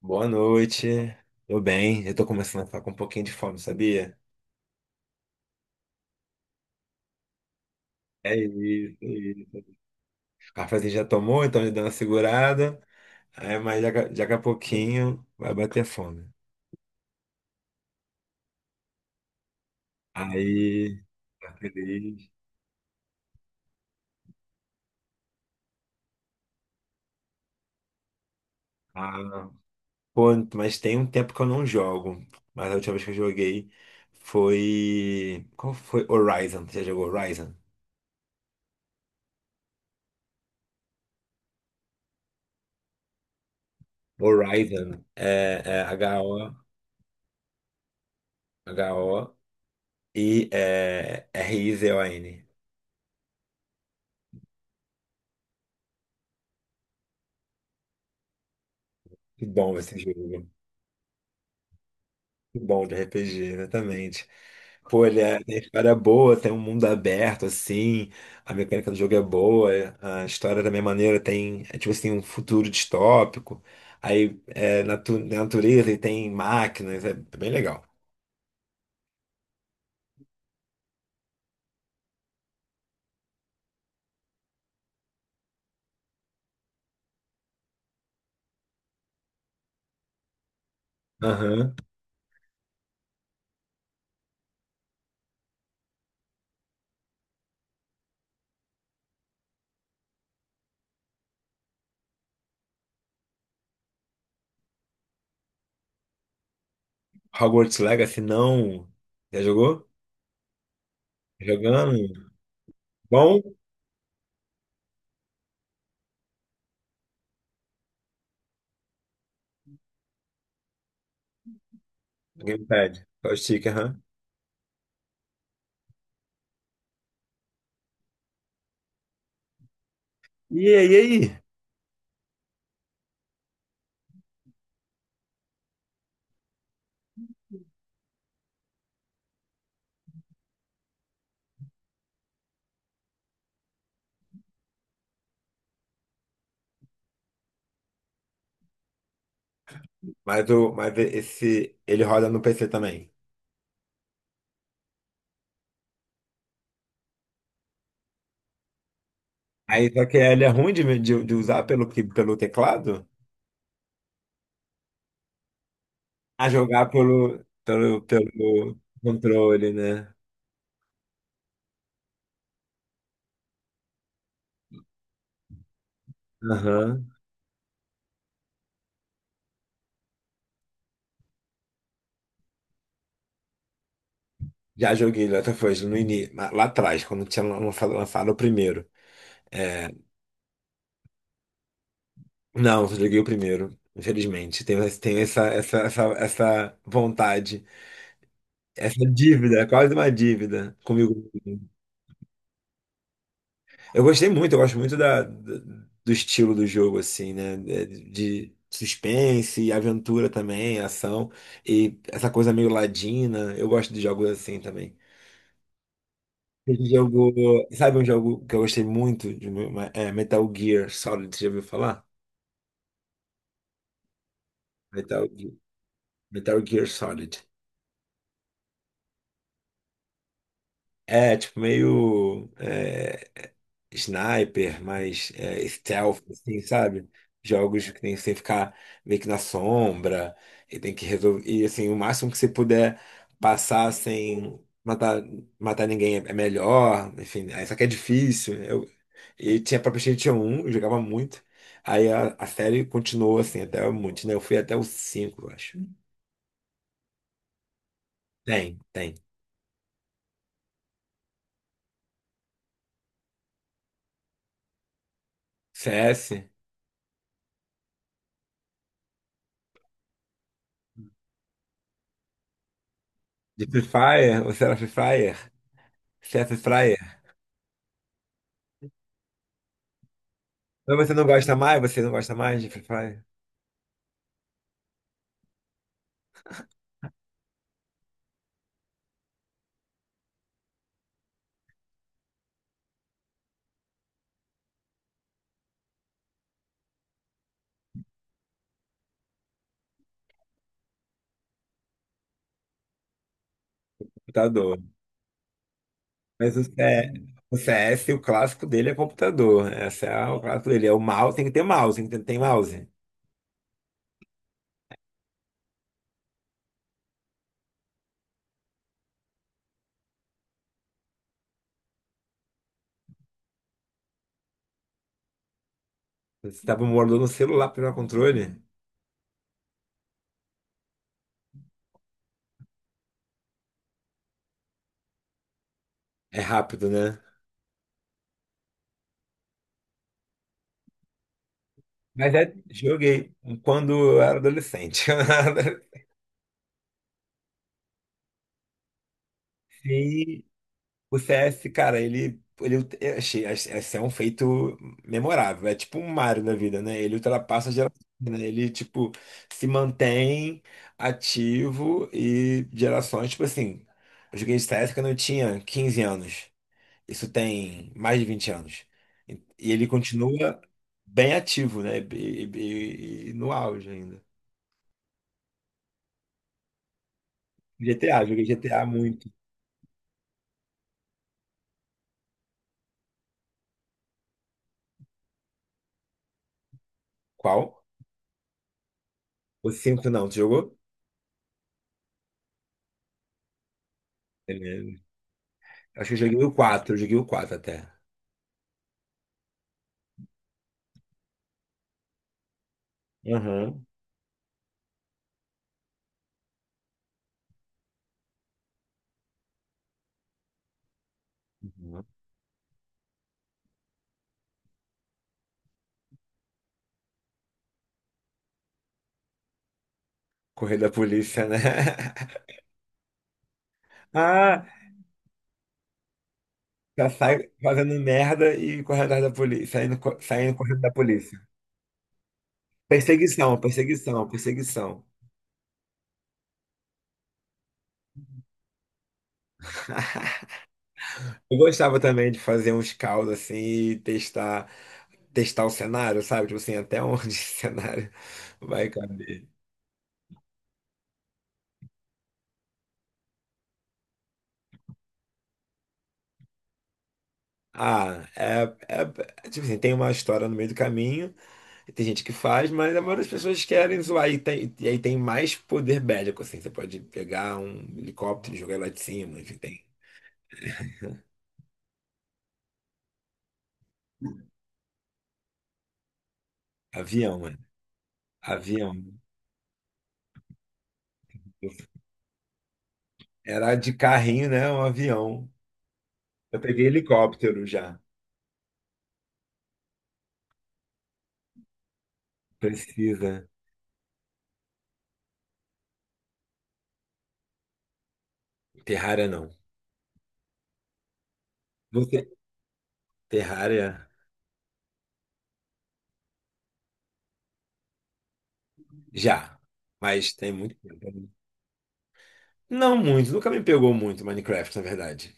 Boa noite. Tô bem, eu tô começando a ficar com um pouquinho de fome, sabia? É isso, é isso. O cafezinho já tomou, então já deu uma segurada. Aí, mas já daqui a pouquinho vai bater fome. Aí, tá feliz. Ah, pô, mas tem um tempo que eu não jogo. Mas a última vez que eu joguei foi. Qual foi? Horizon. Você já jogou Horizon? Horizon é H-O, H-O e é, R-I-Z-O-N. Que bom esse jogo. Bom de RPG, exatamente. Pô, ele é, tem história boa, tem um mundo aberto, assim, a mecânica do jogo é boa, a história da minha maneira tem, é, tipo assim, um futuro distópico, aí é na natureza e tem máquinas, é bem legal. Aham. Hogwarts Legacy, não. Já jogou? Jogando? Bom? Gamepad. Só o stick, aham. E aí, e aí? Mas, mas esse, ele roda no PC também. Aí só que ele é ruim de usar pelo, pelo teclado a jogar pelo controle, né? Aham. Já joguei LaToFoz no início, lá atrás, quando tinha lançado o primeiro. Não, só joguei o primeiro, infelizmente. Tenho, tenho essa vontade, essa dívida, quase uma dívida comigo. Eu gostei muito, eu gosto muito da, do estilo do jogo, assim, né? De suspense, aventura também, ação, e essa coisa meio ladina. Eu gosto de jogos assim também. Esse jogo, sabe um jogo que eu gostei muito? De, é Metal Gear Solid, você já ouviu falar? Metal, Metal Gear Solid. É, tipo, meio. É, sniper, mais é, stealth, assim, sabe? Jogos que tem que você ficar meio que na sombra e tem que resolver. E assim, o máximo que você puder passar sem matar, matar ninguém é melhor. Enfim, aí só que é difícil. Né? Eu, e tinha pra PlayStation 1, eu jogava muito. Aí a série continuou assim, até muito, né? Eu fui até o 5 eu acho. Tem, tem. CS? De Free Fire? Você era Free Fire? CS Free Fire? Mas você não gosta mais? Você não gosta mais de Free Fire? Computador. Mas o CS, o C CS, o clássico dele é computador. Né? Esse é o clássico dele. É o mouse, tem que ter mouse, tem que ter mouse. Você tava morando no celular para pegar controle? É rápido, né? Mas é, joguei quando eu era adolescente. Sim. O CS, cara, ele eu achei, esse é um feito memorável. É tipo um Mario na vida, né? Ele ultrapassa a geração, né? Ele, tipo, se mantém ativo e gerações, tipo assim, eu joguei CS quando eu tinha 15 anos. Isso tem mais de 20 anos. E ele continua bem ativo, né? E, e no auge ainda. GTA, joguei GTA muito. Qual? O 5 não, tu jogou? Ele- Acho que eu joguei o 4 até. Aham. Uhum. Correr da polícia, né? Ah, já sai fazendo merda e correndo atrás da polícia, saindo, saindo correndo da polícia. Perseguição, perseguição, perseguição. Eu gostava também de fazer uns calls assim e testar, testar o cenário, sabe? Tipo assim, até onde esse cenário vai caber. Ah, é, tipo assim, tem uma história no meio do caminho. Tem gente que faz, mas a maioria das pessoas querem zoar. E, tem, e aí tem mais poder bélico, assim. Você pode pegar um helicóptero e jogar lá de cima, enfim, tem. Avião, mano. Avião. Era de carrinho, né? Um avião. Eu peguei helicóptero já. Precisa. Terraria não. Você. Terraria já. Mas tem muito tempo. Não muito. Nunca me pegou muito Minecraft, na verdade.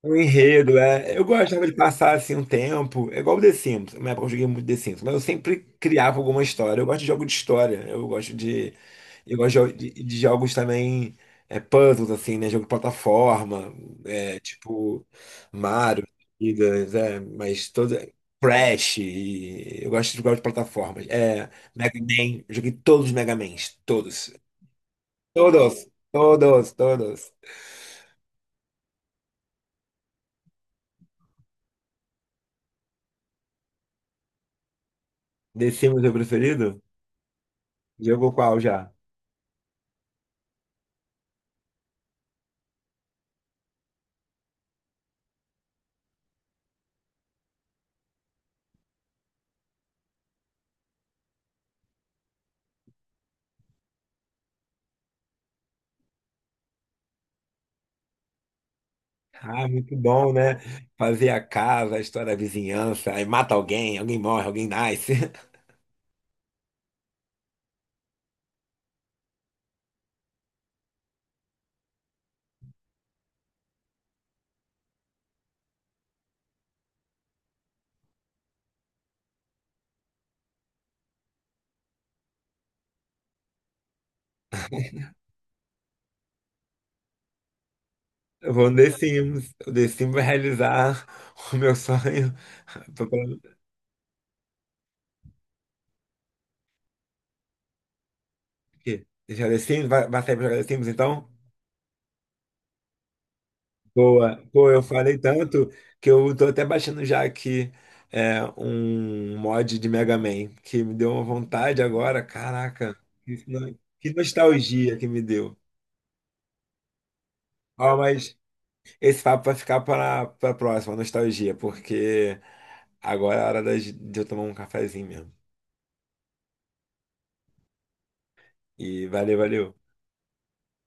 O enredo, é. Eu gostava de passar assim um tempo. É igual o The Sims. Na época eu joguei muito The Sims, mas eu sempre criava alguma história. Eu gosto de jogo de história. Eu gosto de. Eu gosto de jogos também. É, puzzles, assim, né? Jogo de plataforma. É, tipo. Mario, Gigas, é, mas toda. Crash. E eu gosto de jogar de plataformas. É, Mega Man. Eu joguei todos os Mega Mans. Todos. Todos. Todos. The Sims é o preferido? Jogou qual já? Ah, muito bom, né? Fazer a casa, a história da vizinhança, aí mata alguém, alguém morre, alguém nasce. Eu vou no The Sims. O The Sims vai realizar o meu sonho. Tô falando o quê? Deixar The Sims? Vai, vai sair pra jogar The Sims, então? Boa. Pô, eu falei tanto que eu tô até baixando já aqui é, um mod de Mega Man, que me deu uma vontade agora. Caraca, que, que nostalgia que me deu. Ó, mas esse papo vai ficar para a próxima, nostalgia, porque agora é a hora da de eu tomar um cafezinho mesmo. E valeu, valeu.